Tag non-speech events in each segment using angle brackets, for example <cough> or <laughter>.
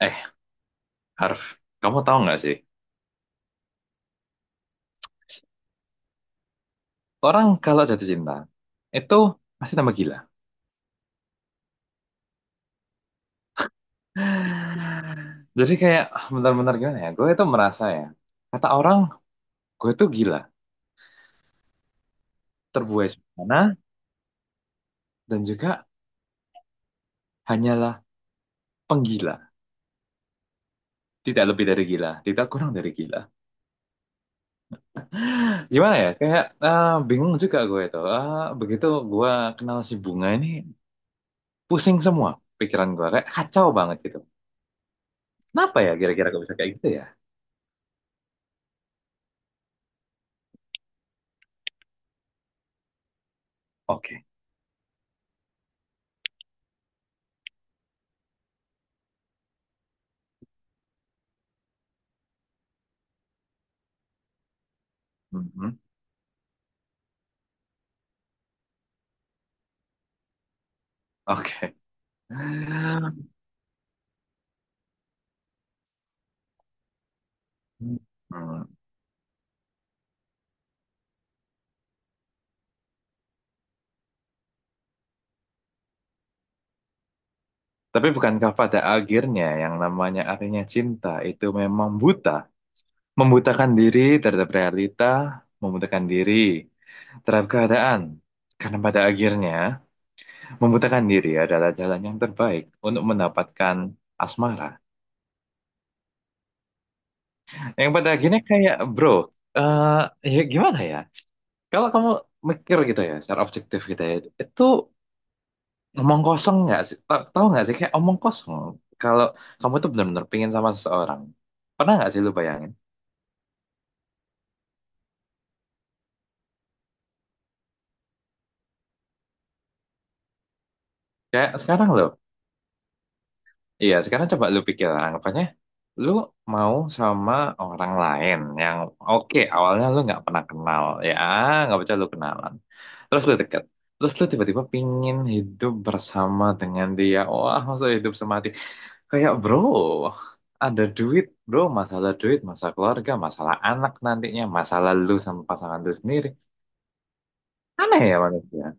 Eh, Harf, kamu tahu nggak sih? Orang kalau jatuh cinta, itu pasti tambah gila. Jadi kayak benar-benar gimana ya? Gue itu merasa ya, kata orang, gue itu gila. Terbuai sana dan juga hanyalah penggila. Tidak lebih dari gila, tidak kurang dari gila. Gimana ya? Kayak bingung juga gue itu. Begitu gue kenal si Bunga ini, pusing semua pikiran gue. Kayak kacau banget gitu. Kenapa ya kira-kira gue bisa kayak gitu ya? Oke. Mhm. Oke. Hmm. Tapi bukankah pada akhirnya yang namanya artinya cinta itu memang buta, membutakan diri terhadap realita, membutakan diri terhadap keadaan. Karena pada akhirnya membutakan diri adalah jalan yang terbaik untuk mendapatkan asmara. Yang pada akhirnya kayak bro, eh ya gimana ya? Kalau kamu mikir gitu ya, secara objektif gitu ya, itu omong kosong nggak sih? Tahu nggak sih kayak omong kosong. Kalau kamu tuh benar-benar pingin sama seseorang, pernah nggak sih lu bayangin? Kayak sekarang lo, iya sekarang coba lu pikir anggapannya lu mau sama orang lain yang oke awalnya lu nggak pernah kenal ya nggak percaya lu kenalan terus lu deket terus lu tiba-tiba pingin hidup bersama dengan dia, wah masa hidup semati. Kayak bro, ada duit bro, masalah duit, masalah keluarga, masalah anak nantinya, masalah lu sama pasangan lu sendiri. Aneh ya manusia.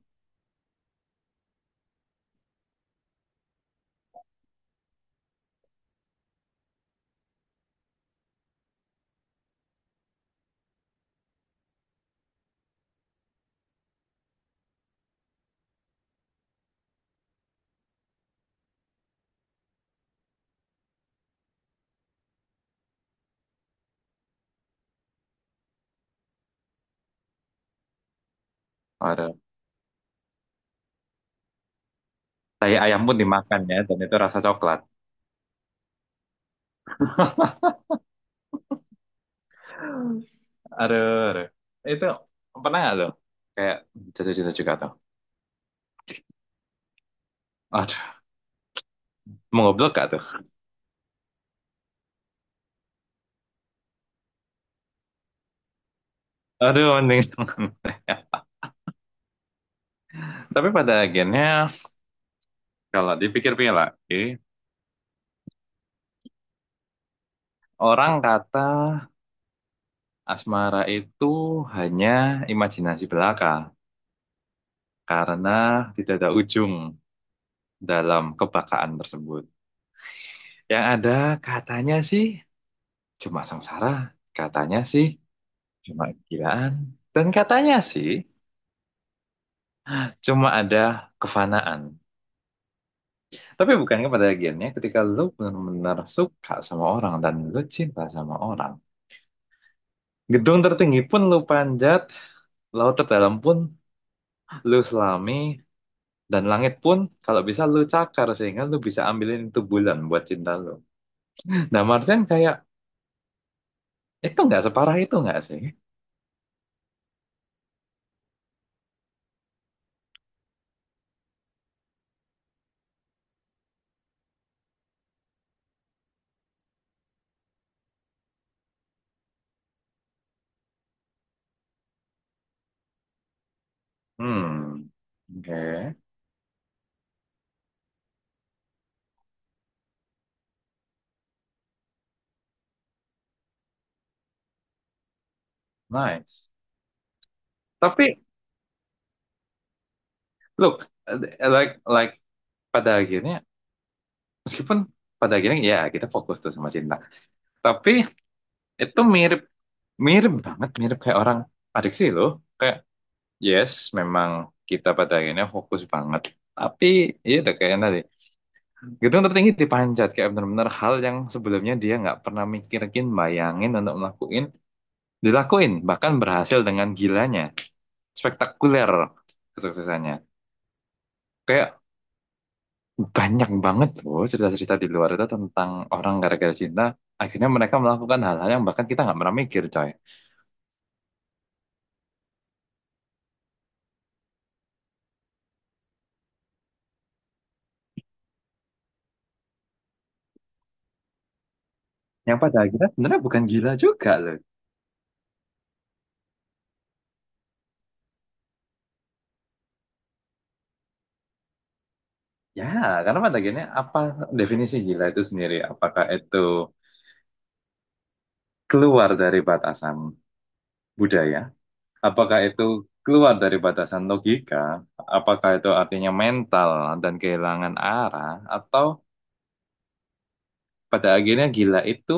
Ada tai ayam pun dimakan ya, dan itu rasa coklat. Aduh, aduh. Itu pernah nggak tuh? Kayak jatuh-jatuh juga tuh. Aduh, mau goblok gak tuh? Aduh, mending setengah. <laughs> Tapi pada akhirnya, kalau dipikir-pikir lagi, orang kata asmara itu hanya imajinasi belaka. Karena tidak ada ujung dalam kebakaan tersebut. Yang ada katanya sih cuma sengsara, katanya sih cuma kegilaan, dan katanya sih cuma ada kefanaan. Tapi bukan kepada bagiannya ketika lu benar-benar suka sama orang dan lu cinta sama orang. Gedung tertinggi pun lu panjat, laut terdalam pun lu selami, dan langit pun kalau bisa lu cakar sehingga lu bisa ambilin itu bulan buat cinta lu. Nah Martian kayak, itu nggak separah itu nggak sih? Hmm. Okay. Nice. Tapi, look, uh, like, like pada akhirnya, meskipun pada akhirnya ya kita fokus tuh sama cinta. Tapi itu mirip, mirip banget, mirip kayak orang adiksi loh. Kayak, yes, memang kita pada akhirnya fokus banget. Tapi, iya udah kayak tadi. Gedung tertinggi dipanjat kayak benar-benar hal yang sebelumnya dia nggak pernah mikirin, bayangin untuk melakuin, dilakuin. Bahkan berhasil dengan gilanya. Spektakuler kesuksesannya. Kayak banyak banget loh cerita-cerita di luar itu tentang orang gara-gara cinta akhirnya mereka melakukan hal-hal yang bahkan kita nggak pernah mikir coy. Yang pada akhirnya sebenarnya bukan gila juga loh, ya, karena pada akhirnya apa definisi gila itu sendiri? Apakah itu keluar dari batasan budaya, apakah itu keluar dari batasan logika, apakah itu artinya mental dan kehilangan arah, atau pada akhirnya gila itu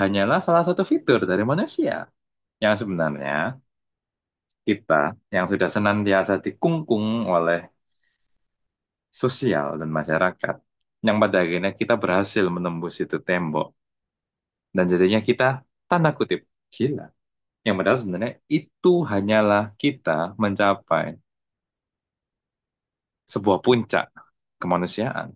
hanyalah salah satu fitur dari manusia yang sebenarnya kita, yang sudah senantiasa dikungkung oleh sosial dan masyarakat, yang pada akhirnya kita berhasil menembus itu tembok, dan jadinya kita, tanda kutip, gila. Yang padahal sebenarnya itu hanyalah kita mencapai sebuah puncak kemanusiaan.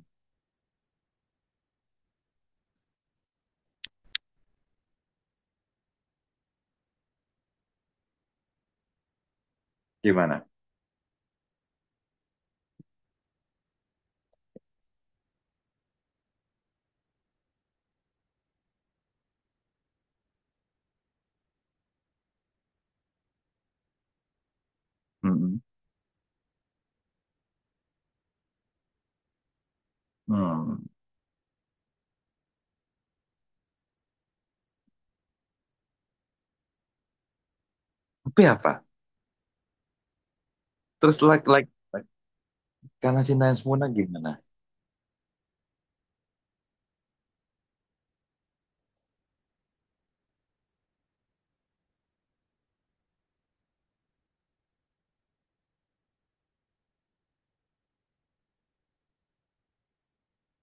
Gimana? Mm-mm. Hmm. Tapi apa? Terus like, karena cinta yang sempurna gimana?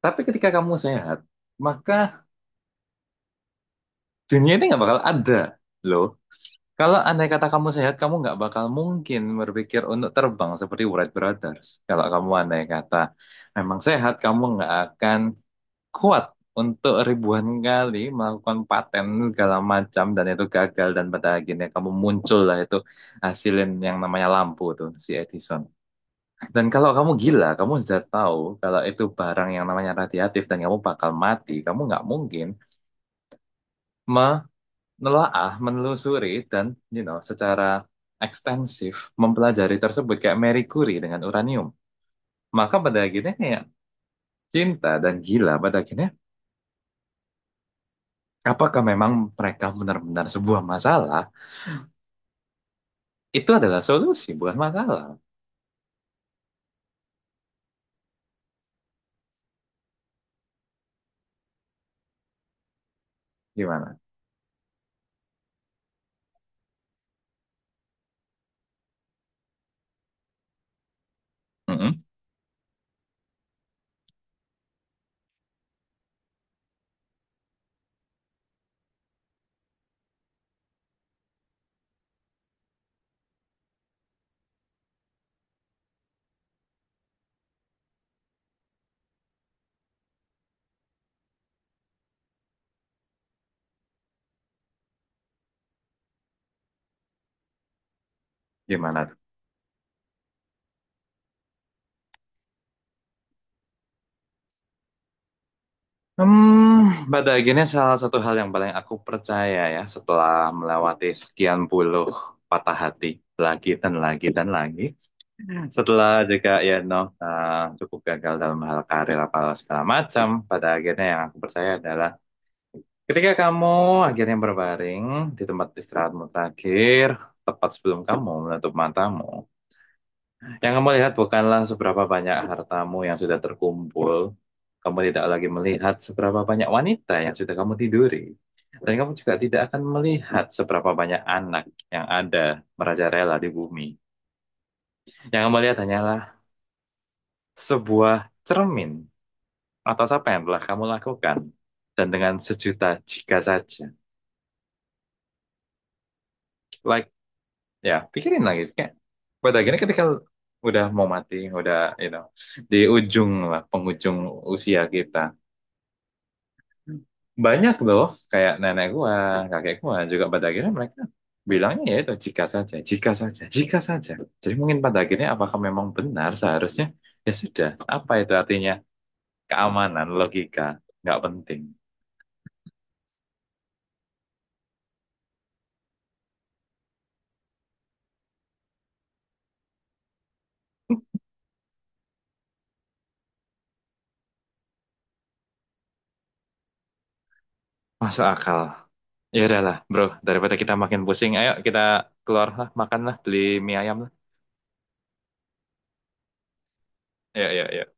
Tapi ketika kamu sehat, maka dunia ini nggak bakal ada loh. Kalau andai kata kamu sehat, kamu nggak bakal mungkin berpikir untuk terbang seperti Wright Brothers. Kalau kamu andai kata memang sehat, kamu nggak akan kuat untuk ribuan kali melakukan paten segala macam dan itu gagal dan pada akhirnya kamu muncul lah itu hasilin yang namanya lampu tuh si Edison. Dan kalau kamu gila, kamu sudah tahu kalau itu barang yang namanya radiatif dan kamu bakal mati, kamu nggak mungkin nelaah, menelusuri dan you know secara ekstensif mempelajari tersebut kayak Marie Curie dengan uranium. Maka pada akhirnya kayak cinta dan gila pada akhirnya apakah memang mereka benar-benar sebuah masalah? Itu adalah solusi bukan masalah. Gimana? Mm-mm. Gimana tuh? Hmm, pada akhirnya salah satu hal yang paling aku percaya ya setelah melewati sekian puluh patah hati lagi dan lagi dan lagi. Setelah juga ya no eh, cukup gagal dalam hal karir apa segala macam, pada akhirnya yang aku percaya adalah ketika kamu akhirnya berbaring di tempat istirahatmu terakhir, tepat sebelum kamu menutup matamu, yang kamu lihat bukanlah seberapa banyak hartamu yang sudah terkumpul, kamu tidak lagi melihat seberapa banyak wanita yang sudah kamu tiduri, dan kamu juga tidak akan melihat seberapa banyak anak yang ada merajalela di bumi. Yang kamu lihat hanyalah sebuah cermin atas apa yang telah kamu lakukan dan dengan sejuta jika saja. Like, ya, pikirin lagi. Kayak, pada akhirnya ketika udah mau mati, udah, you know, di ujung lah, penghujung usia kita, banyak loh, kayak nenek gua, kakek gua, juga pada akhirnya mereka bilangnya ya itu jika saja, jika saja, jika saja. Jadi mungkin pada akhirnya apakah memang benar seharusnya, ya sudah, apa itu artinya keamanan, logika, nggak penting. Masuk akal. Ya udahlah, bro. Daripada kita makin pusing, ayo kita keluar lah, makan lah, beli mie ayam lah. Ya, ya, ya.